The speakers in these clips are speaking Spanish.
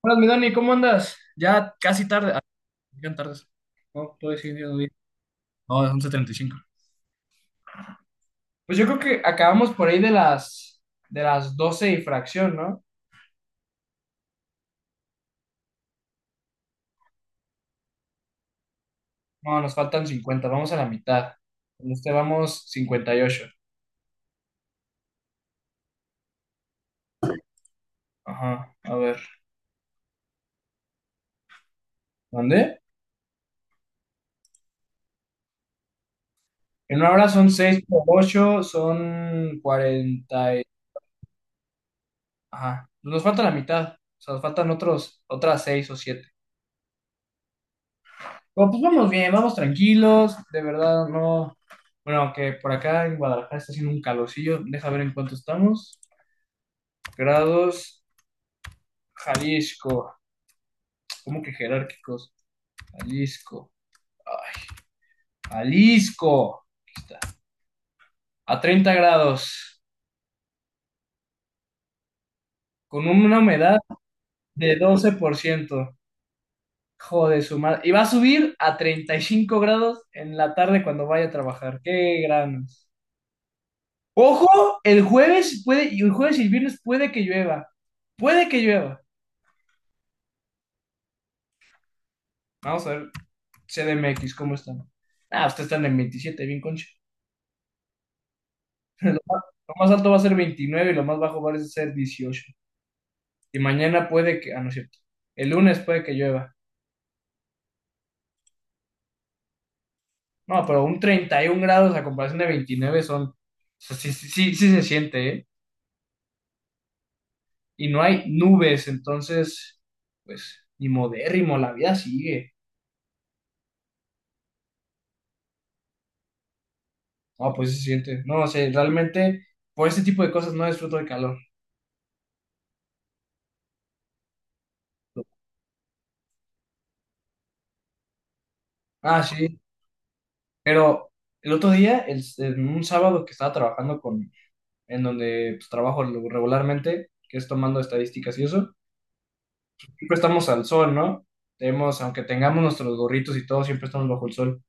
Hola, mi Dani, ¿cómo andas? Ya casi tarde. Ah, ya tardes. No, todo es día. No, es 11:35. Pues yo creo que acabamos por ahí de las 12 y fracción, ¿no? No, nos faltan 50, vamos a la mitad. En este vamos 58. Ajá, a ver. ¿Dónde? En una hora son seis por 8, son 40. Ajá, nos falta la mitad. O sea, nos faltan otras 6 o 7. Pero, pues vamos bien, vamos tranquilos, de verdad no. Bueno, aunque por acá en Guadalajara está haciendo un calorcillo, deja ver en cuánto estamos. Grados, Jalisco. ¿Cómo que jerárquicos? Jalisco. Ay, Jalisco. Aquí está. A 30 grados, con una humedad de 12%. Joder, su madre. Y va a subir a 35 grados en la tarde cuando vaya a trabajar. Qué gran Ojo, el jueves puede, y el jueves y el viernes puede que llueva. Puede que llueva. Vamos a ver CDMX, ¿cómo están? Ah, ustedes están en 27, bien concha. Lo más, lo más alto va a ser 29 y lo más bajo va a ser 18. Y mañana puede que, ah, no es cierto. El lunes puede que llueva. No, pero un 31 grados a comparación de 29 son, o sea, sí, sí, sí, sí se siente, ¿eh? Y no hay nubes, entonces, pues, ni modérrimo, la vida sigue. No, pues sí se siente. No, o sea, realmente por ese tipo de cosas no disfruto del calor. Ah, sí, pero el otro día, en un sábado que estaba trabajando en donde pues, trabajo regularmente, que es tomando estadísticas y eso, siempre estamos al sol, ¿no? Tenemos, aunque tengamos nuestros gorritos y todo, siempre estamos bajo el sol.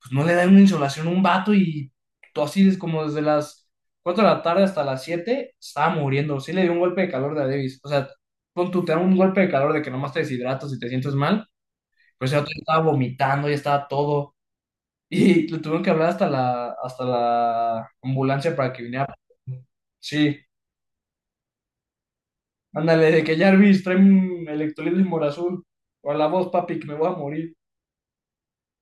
Pues no le dan una insolación a un vato y todo así es como desde las 4 de la tarde hasta las 7 estaba muriendo. Sí le dio un golpe de calor de a Davis. O sea, pon tú, te da un golpe de calor de que nomás te deshidratas y te sientes mal, pues el otro ya estaba vomitando, ya estaba todo. Y le tuvieron que hablar hasta la ambulancia para que viniera. Sí, ándale, de que Jarvis trae un electrolit de morazul. O a la voz, papi, que me voy a morir.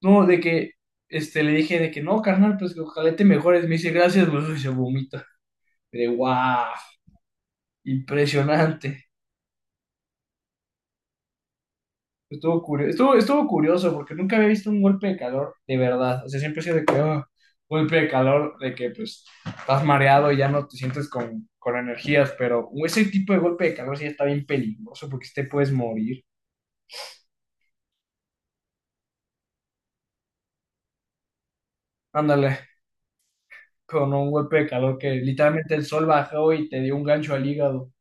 No, de que este, le dije de que no, carnal, pues que ojalá te mejores. Me dice gracias, bro, y se vomita. De guau, impresionante. Estuvo curioso, estuvo curioso porque nunca había visto un golpe de calor de verdad. O sea, siempre he sido de que, "Ah, golpe de calor, de que pues estás mareado y ya no te sientes con energías, pero ese tipo de golpe de calor sí está bien peligroso porque sí te puedes morir. Ándale, con un golpe de calor que literalmente el sol bajó y te dio un gancho al hígado.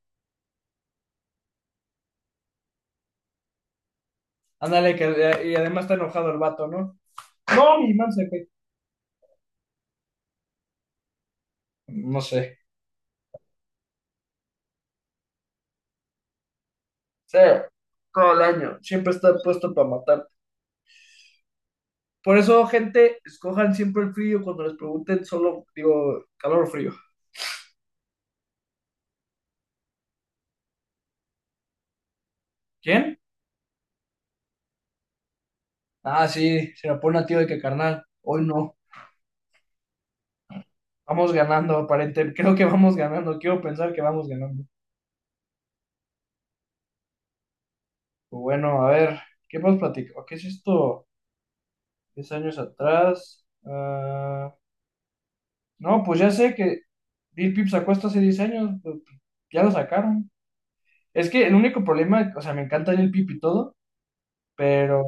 Ándale, que y además está enojado el vato, ¿no? No, mi man se fue. No sé. Sí, todo el año. Siempre está puesto para matar. Por eso, gente, escojan siempre el frío cuando les pregunten, solo digo calor o frío. ¿Quién? Ah, sí, se la pone a tío de que carnal. Hoy no. Vamos ganando, aparente. Creo que vamos ganando. Quiero pensar que vamos ganando. Pues bueno, a ver, ¿qué más platico? ¿Qué es esto? 10 años atrás. Ah, no, pues ya sé que Lil Peep sacó esto hace 10 años. Pues, ya lo sacaron. Es que el único problema, o sea, me encanta Lil Peep y todo, pero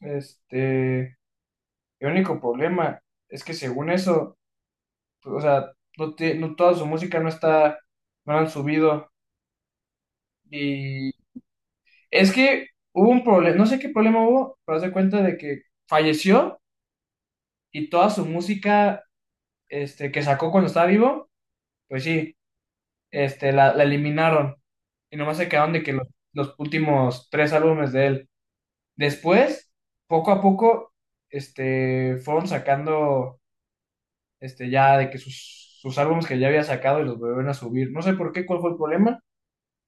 este. El único problema es que según eso, pues, o sea, no, no toda su música no está, no la han subido. Y es que hubo un problema, no sé qué problema hubo, pero haz de cuenta de que falleció y toda su música este, que sacó cuando estaba vivo, pues sí, este, la eliminaron. Y nomás se quedaron de que los últimos tres álbumes de él. Después, poco a poco, este, fueron sacando este, ya de que sus álbumes que ya había sacado y los volvieron a subir. No sé por qué, cuál fue el problema.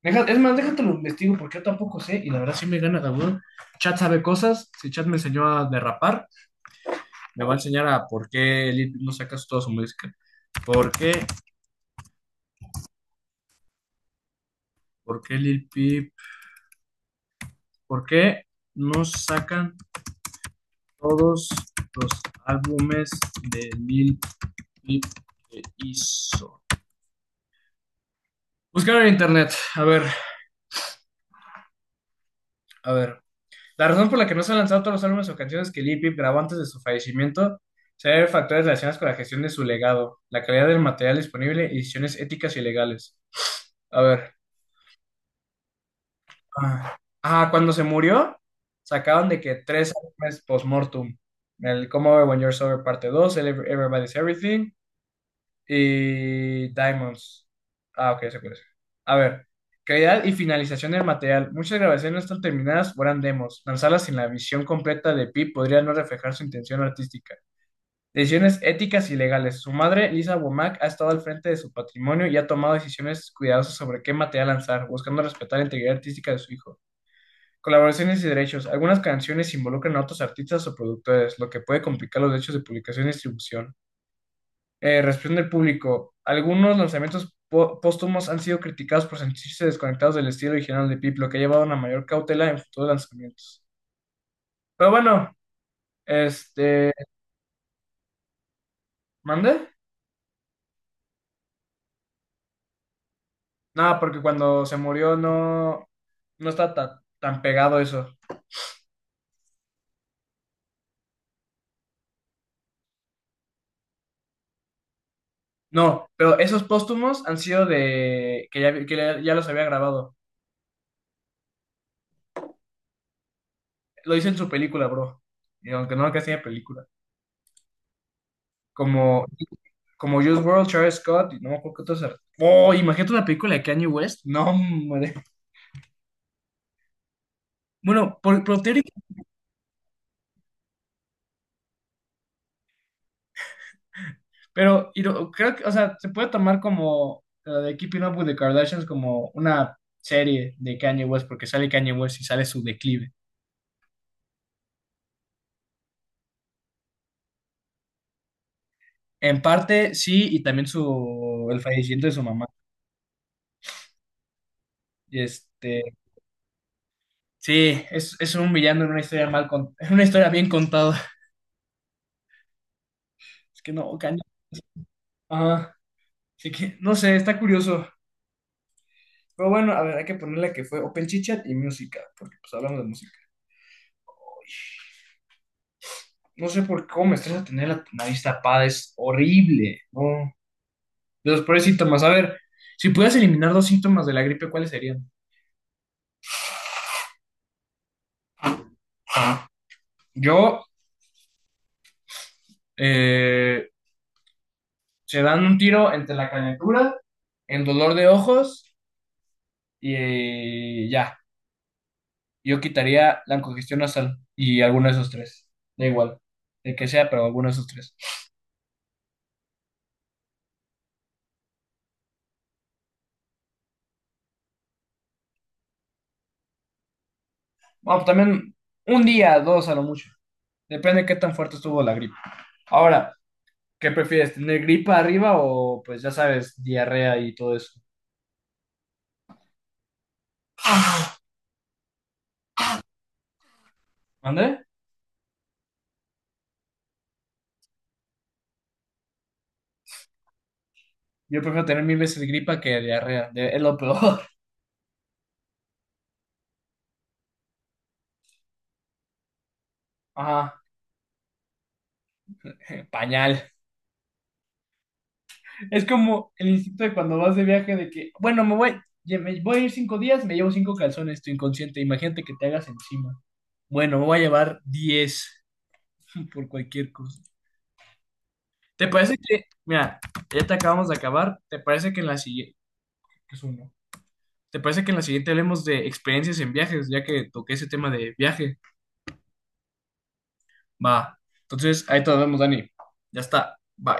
Es más, déjate lo investigo porque yo tampoco sé y la verdad sí me gana cabrón. Chat sabe cosas. Si Chat me enseñó a derrapar, me va a enseñar a por qué Lil Peep no saca toda su música. ¿Por qué? ¿Por qué Lil Peep? ¿Por qué no sacan todos los álbumes de Lil Peep que hizo? Buscar en internet. A ver, a ver. La razón por la que no se han lanzado todos los álbumes o canciones que Lil Peep grabó antes de su fallecimiento se debe a factores relacionados con la gestión de su legado, la calidad del material disponible y decisiones éticas y legales. A ver. Ah, ah, cuando se murió, sacaron de que tres álbumes post-mortem. El Come Over When You're Sober parte 2, el Everybody's Everything, y Diamonds. Ah, ok, se puede. A ver, calidad y finalización del material. Muchas grabaciones no están terminadas o eran demos. Lanzarlas sin la visión completa de Pip podría no reflejar su intención artística. Decisiones éticas y legales. Su madre, Lisa Womack, ha estado al frente de su patrimonio y ha tomado decisiones cuidadosas sobre qué material lanzar, buscando respetar la integridad artística de su hijo. Colaboraciones y derechos. Algunas canciones involucran a otros artistas o productores, lo que puede complicar los derechos de publicación y distribución. Reacción del público. Algunos lanzamientos póstumos han sido criticados por sentirse desconectados del estilo original de Pip, lo que ha llevado a una mayor cautela en futuros lanzamientos. Pero bueno, este, ¿mande? Nada, porque cuando se murió no está tan pegado eso. No, pero esos póstumos han sido de que ya, que ya los había grabado. Lo hice en su película, bro. Y aunque no, que hacía película. Como Como Juice WRLD, Travis Scott, y no me acuerdo qué otros. Oh, imagínate una película de Kanye West. No, hombre. Bueno, por teoría- pero creo que, o sea, se puede tomar como la de Keeping Up with the Kardashians como una serie de Kanye West, porque sale Kanye West y sale su declive. En parte sí, y también su el fallecimiento de su mamá. Y este, sí, es un villano en una historia en una historia bien contada. Es que no, Kanye. Ajá. Así que, no sé, está curioso. Pero bueno, a ver, hay que ponerle que fue Open Chit Chat y música, porque pues hablamos de música. No sé por qué, cómo me estresa tener la nariz tapada, es horrible. No. De los peores síntomas. A ver, si pudieras eliminar dos síntomas de la gripe, ¿cuáles serían? Ah, yo, eh, se dan un tiro entre la calentura, el dolor de ojos y ya. Yo quitaría la congestión nasal y alguno de esos tres. Da igual, el que sea, pero alguno de esos tres. Bueno, pues, también un día, dos a lo mucho. Depende de qué tan fuerte estuvo la gripa. Ahora, ¿qué prefieres? ¿Tener gripa arriba o, pues ya sabes, diarrea y todo eso? ¿Mande? Yo prefiero tener mil veces gripa que diarrea. Es lo peor. Ajá, pañal. Es como el instinto de cuando vas de viaje de que, bueno, me voy, ya me voy a ir 5 días, me llevo cinco calzones, tu inconsciente. Imagínate que te hagas encima. Bueno, me voy a llevar diez por cualquier cosa. ¿Te parece que, mira, ya te acabamos de acabar? ¿Te parece que en la siguiente, que es uno? ¿Te parece que en la siguiente hablemos de experiencias en viajes, ya que toqué ese tema de viaje? Va. Entonces, ahí te nos vemos, Dani. Ya está. Bye.